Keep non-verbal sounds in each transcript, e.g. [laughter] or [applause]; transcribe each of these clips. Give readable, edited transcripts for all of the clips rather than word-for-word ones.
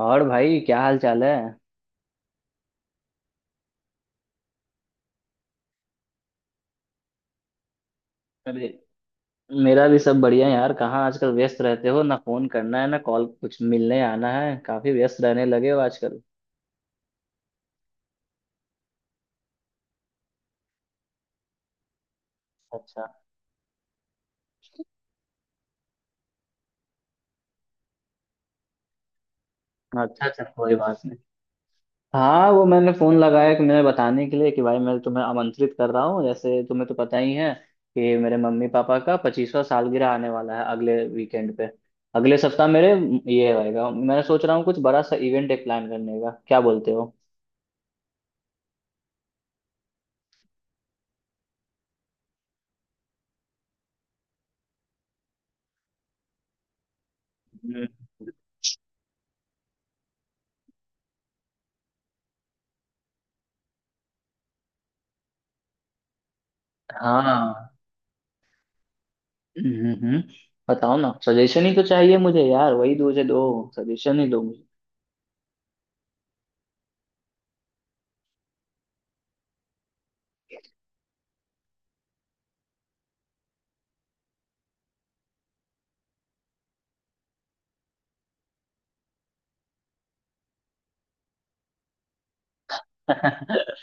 और भाई क्या हाल चाल है? अरे, मेरा भी सब बढ़िया है यार। कहाँ आजकल व्यस्त रहते हो? ना फोन करना, है ना कॉल, कुछ मिलने आना। है काफी व्यस्त रहने लगे हो आजकल। अच्छा अच्छा अच्छा, कोई बात नहीं। हाँ वो मैंने फोन लगाया कि मैंने बताने के लिए कि भाई मैं तुम्हें आमंत्रित कर रहा हूँ, जैसे तुम्हें तो पता ही है कि मेरे मम्मी पापा का 25वां सालगिरह आने वाला है अगले वीकेंड पे, अगले सप्ताह। मेरे ये होएगा, मैं सोच रहा हूँ कुछ बड़ा सा इवेंट एक प्लान करने का, क्या बोलते हो? हम्म, हाँ। हम्म। बताओ ना, सजेशन ही तो चाहिए मुझे यार। वही दो से दो सजेशन ही दो मुझे। [laughs]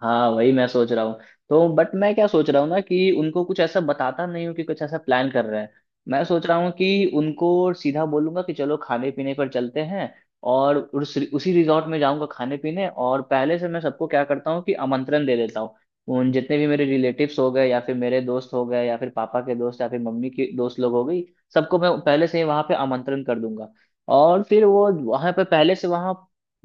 हाँ वही मैं सोच रहा हूँ। तो बट मैं क्या सोच रहा हूँ ना, कि उनको कुछ ऐसा बताता नहीं हूँ कि कुछ ऐसा प्लान कर रहे हैं। मैं सोच रहा हूँ कि उनको सीधा बोलूंगा कि चलो खाने पीने पर चलते हैं, और उसी रिजॉर्ट में जाऊंगा खाने पीने, और पहले से मैं सबको क्या करता हूँ कि आमंत्रण दे देता हूँ उन जितने भी मेरे रिलेटिव्स हो गए, या फिर मेरे दोस्त हो गए, या फिर पापा के दोस्त, या फिर मम्मी के दोस्त लोग हो गई, सबको मैं पहले से ही वहां पे आमंत्रण कर दूंगा। और फिर वो वहां पे पहले से वहां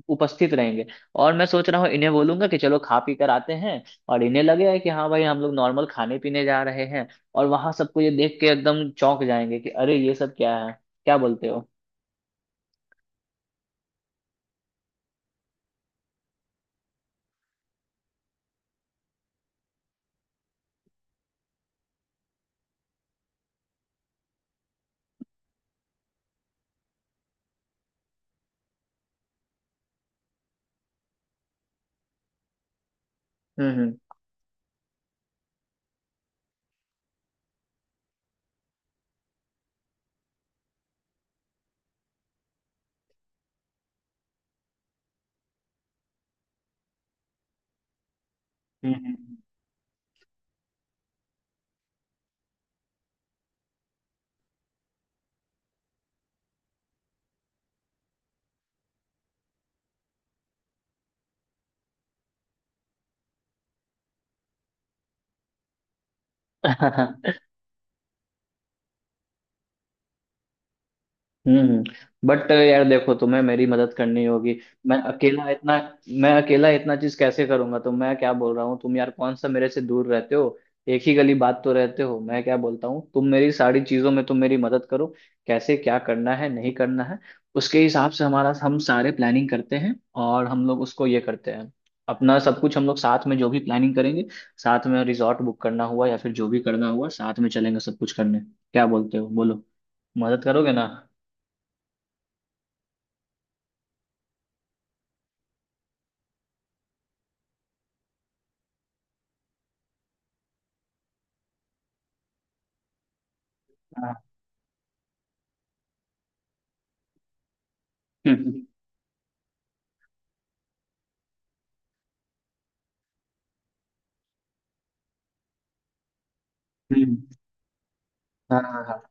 उपस्थित रहेंगे। और मैं सोच रहा हूँ इन्हें बोलूंगा कि चलो खा पी कर आते हैं, और इन्हें लगेगा कि हाँ भाई हम लोग नॉर्मल खाने पीने जा रहे हैं, और वहां सबको ये देख के एकदम चौंक जाएंगे कि अरे ये सब क्या है। क्या बोलते हो? हम्म हम्म हम्म हम्म, [laughs] हम्म। हम्म बट यार देखो, तुम्हें मेरी मदद करनी होगी। मैं अकेला इतना मैं अकेला इतना चीज कैसे करूंगा? तो मैं क्या बोल रहा हूँ, तुम यार कौन सा मेरे से दूर रहते हो, एक ही गली बात तो रहते हो। मैं क्या बोलता हूँ, तुम मेरी सारी चीजों में तुम मेरी मदद करो। कैसे क्या करना है, नहीं करना है, उसके हिसाब से हमारा हम सारे प्लानिंग करते हैं, और हम लोग उसको ये करते हैं। अपना सब कुछ हम लोग साथ में जो भी प्लानिंग करेंगे, साथ में रिजॉर्ट बुक करना हुआ या फिर जो भी करना हुआ, साथ में चलेंगे सब कुछ करने। क्या बोलते हो, बोलो, मदद करोगे ना? हम्म, हम्म, हाँ हाँ हाँ।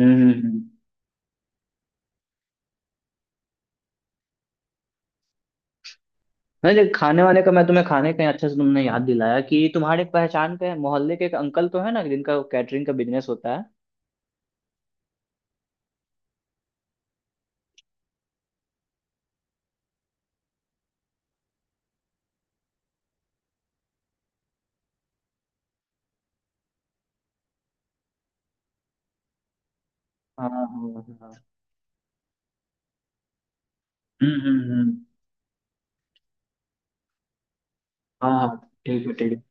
हम्म हम्म। हम्म। नहीं देख, खाने वाने का मैं तुम्हें, खाने का अच्छे से तुमने याद दिलाया कि तुम्हारे पहचान के, मोहल्ले के एक अंकल तो है ना, जिनका कैटरिंग का बिजनेस होता है। हाँ हाँ हाँ। हम्म हम्म हम्म। हाँ हाँ, ठीक है ठीक है।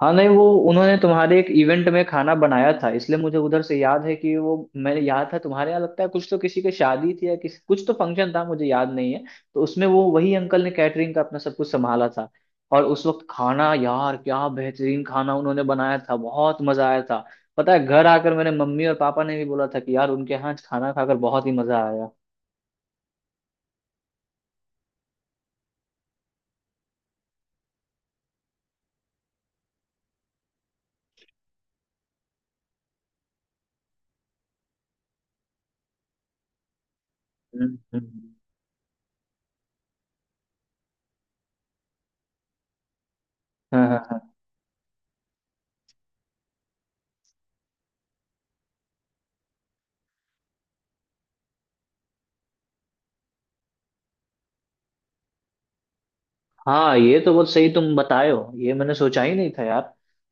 हाँ नहीं वो, उन्होंने तुम्हारे एक इवेंट में खाना बनाया था, इसलिए मुझे उधर से याद है कि वो मैंने याद था तुम्हारे यहाँ, लगता है कुछ तो किसी की शादी थी या किसी कुछ तो फंक्शन था, मुझे याद नहीं है। तो उसमें वो वही अंकल ने कैटरिंग का अपना सब कुछ संभाला था। और उस वक्त खाना, यार क्या बेहतरीन खाना उन्होंने बनाया था, बहुत मजा आया था। पता है, घर आकर मेरे मम्मी और पापा ने भी बोला था कि यार उनके यहाँ आज खाना खाकर बहुत ही मजा आया। हम्म हम्म। हाँ हाँ हाँ, ये तो बहुत सही तुम बताए हो, ये मैंने सोचा ही नहीं था यार।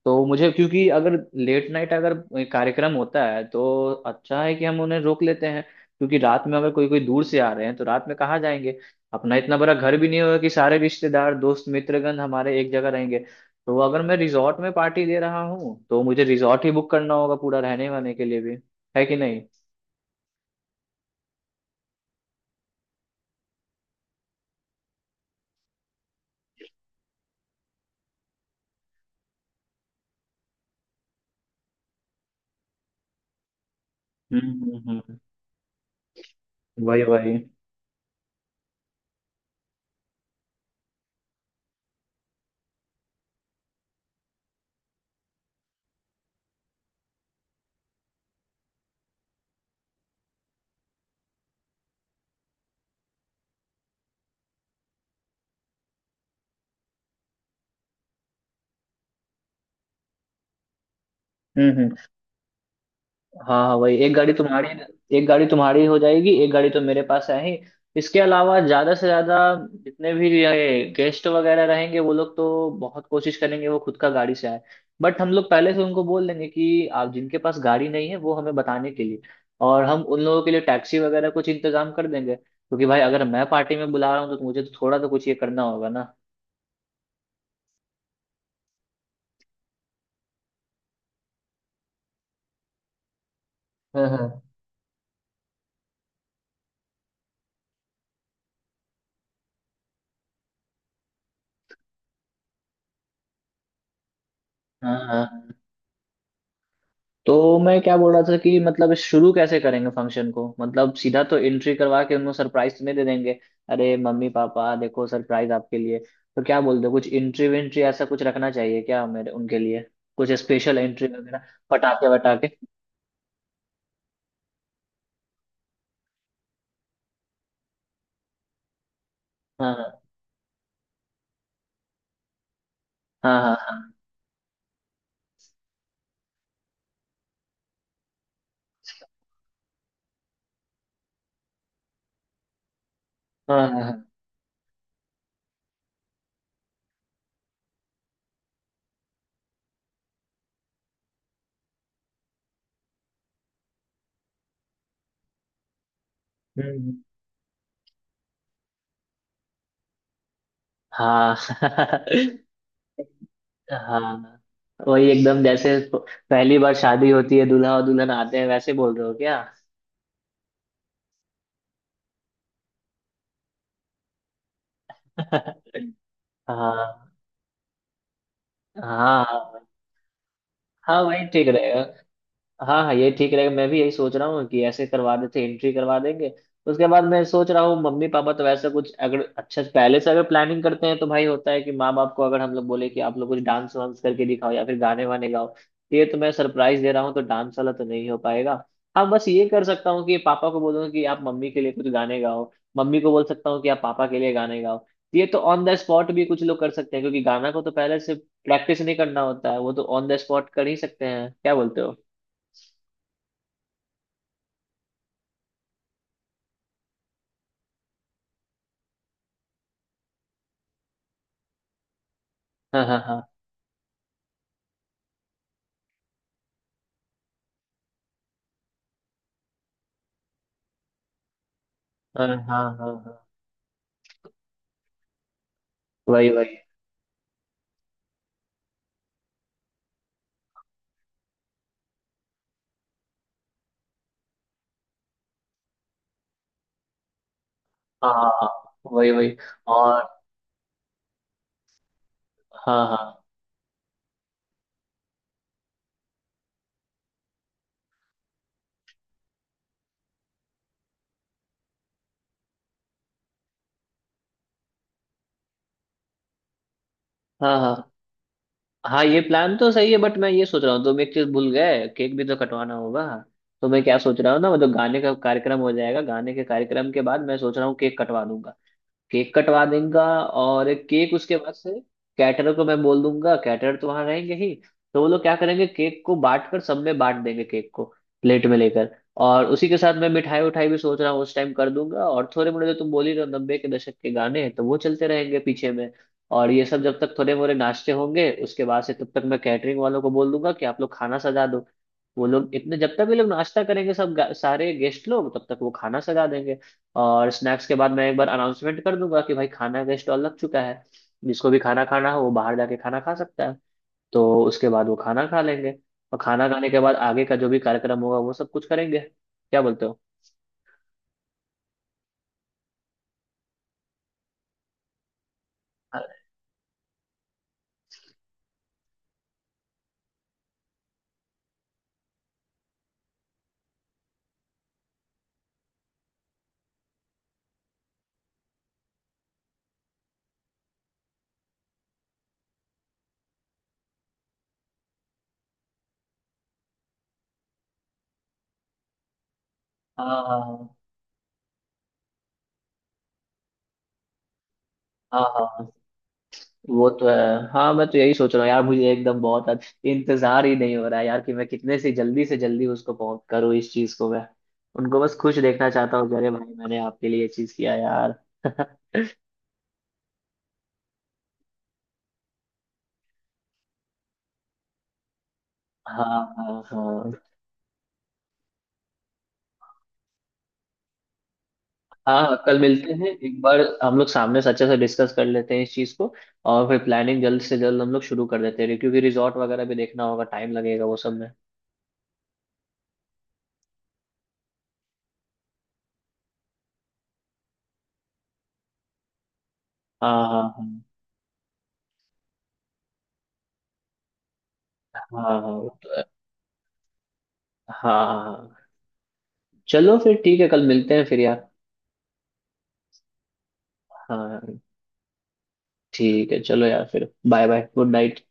तो मुझे, क्योंकि अगर लेट नाइट अगर कार्यक्रम होता है, तो अच्छा है कि हम उन्हें रोक लेते हैं, क्योंकि रात में अगर कोई कोई दूर से आ रहे हैं, तो रात में कहाँ जाएंगे? अपना इतना बड़ा घर भी नहीं होगा कि सारे रिश्तेदार दोस्त मित्रगण हमारे एक जगह रहेंगे। तो अगर मैं रिजॉर्ट में पार्टी दे रहा हूँ, तो मुझे रिजॉर्ट ही बुक करना होगा पूरा, रहने वहने के लिए भी। है कि नहीं? हम्म हम्म हम्म वही वही। हम्म हम्म हाँ हाँ, वही एक गाड़ी तुम्हारी, एक गाड़ी तुम्हारी हो जाएगी, एक गाड़ी तो मेरे पास है ही। इसके अलावा ज्यादा से ज्यादा जितने भी ये गेस्ट वगैरह रहेंगे, वो लोग तो बहुत कोशिश करेंगे वो खुद का गाड़ी से आए। बट हम लोग पहले से उनको बोल देंगे कि आप जिनके पास गाड़ी नहीं है, वो हमें बताने के लिए, और हम उन लोगों के लिए टैक्सी वगैरह कुछ इंतजाम कर देंगे, क्योंकि भाई अगर मैं पार्टी में बुला रहा हूँ, तो मुझे तो थोड़ा तो कुछ ये करना होगा ना। हाँ हाँ हाँ हाँ। तो मैं क्या बोल रहा था कि मतलब शुरू कैसे करेंगे फंक्शन को? मतलब सीधा तो एंट्री करवा के उनको सरप्राइज तो नहीं दे देंगे, अरे मम्मी पापा देखो सरप्राइज आपके लिए। तो क्या बोलते हो, कुछ एंट्री वेंट्री ऐसा कुछ रखना चाहिए क्या मेरे उनके लिए, कुछ स्पेशल एंट्री वगैरह, पटाखे वटाखे? हाँ हाँ हाँ हाँ हाँ हाँ हाँ हाँ। हम्म, हम्म। हाँ। [laughs] हाँ वही एकदम, जैसे पहली बार शादी होती है, दूल्हा और दुल्हन आते हैं, वैसे बोल रहे हो क्या? [laughs] हाँ। हाँ हाँ वही ठीक रहेगा। हाँ हाँ ये ठीक रहेगा, मैं भी यही सोच रहा हूँ कि ऐसे करवा देते, एंट्री करवा देंगे। उसके बाद मैं सोच रहा हूँ मम्मी पापा तो वैसे कुछ, अगर अच्छा पहले से अगर प्लानिंग करते हैं, तो भाई होता है कि माँ बाप को अगर हम लोग बोले कि आप लोग कुछ डांस वांस करके दिखाओ या फिर गाने वाने गाओ, तो ये तो मैं सरप्राइज दे रहा हूँ, तो डांस वाला तो नहीं हो पाएगा। हाँ, बस ये कर सकता हूँ कि पापा को बोलूँ कि आप मम्मी के लिए कुछ गाने गाओ, मम्मी को बोल सकता हूँ कि आप पापा के लिए गाने गाओ। तो ये तो ऑन द स्पॉट भी कुछ लोग कर सकते हैं, क्योंकि गाना को तो पहले से प्रैक्टिस नहीं करना होता है, वो तो ऑन द स्पॉट कर ही सकते हैं, क्या बोलते हो? हाँ हाँ हाँ हाँ हाँ हाँ हाँ, वही वही। हाँ हाँ हाँ, वही वही और। हाँ हाँ हाँ हाँ, हाँ ये प्लान तो सही है, बट मैं ये सोच रहा हूँ तुम एक चीज भूल गए, केक भी तो कटवाना होगा। तो मैं क्या सोच रहा हूँ ना, मतलब गाने का कार्यक्रम हो जाएगा, गाने के कार्यक्रम के बाद मैं सोच रहा हूँ केक कटवा लूंगा। केक कटवा देगा, और केक उसके बाद से कैटरर को मैं बोल दूंगा, कैटरर तो वहां रहेंगे ही। तो वो लोग क्या करेंगे, केक को बांट कर, सब में बांट देंगे केक को प्लेट में लेकर। और उसी के साथ मैं मिठाई उठाई भी सोच रहा हूँ उस टाइम कर दूंगा, और थोड़े मोड़े, जो तुम बोल ही रहे हो 90 के दशक के गाने, तो वो चलते रहेंगे पीछे में। और ये सब जब तक थोड़े मोड़े नाश्ते होंगे, उसके बाद से तब तक मैं कैटरिंग वालों को बोल दूंगा कि आप लोग खाना सजा दो। वो लोग इतने, जब तक ये लोग नाश्ता करेंगे सब सारे गेस्ट लोग, तब तक वो खाना सजा देंगे। और स्नैक्स के बाद मैं एक बार अनाउंसमेंट कर दूंगा कि भाई खाना का स्टॉल लग चुका है, जिसको भी खाना खाना हो वो बाहर जाके खाना खा सकता है। तो उसके बाद वो खाना खा लेंगे, और खाना खाने के बाद आगे का जो भी कार्यक्रम होगा वो सब कुछ करेंगे, क्या बोलते हो? हाँ हाँ हाँ हाँ हाँ, वो तो है। हाँ मैं तो यही सोच रहा हूँ यार, मुझे एकदम बहुत इंतजार ही नहीं हो रहा है यार, कि मैं कितने से जल्दी उसको पहुंच करूँ इस चीज को मैं। उनको बस खुश देखना चाहता हूँ कि अरे भाई मैंने आपके लिए ये चीज किया यार। [laughs] हाँ हाँ हाँ हाँ। हाँ, कल मिलते हैं एक बार, हम लोग सामने से अच्छे से डिस्कस कर लेते हैं इस चीज़ को, और फिर प्लानिंग जल्द से जल्द हम लोग शुरू कर देते हैं, क्योंकि रिजॉर्ट वगैरह भी देखना होगा, टाइम लगेगा वो सब में। हाँ हाँ हाँ हाँ हाँ, वो तो है। हाँ हाँ हाँ, चलो फिर ठीक है, कल मिलते हैं फिर यार। हाँ ठीक है, चलो यार फिर, बाय बाय, गुड नाइट।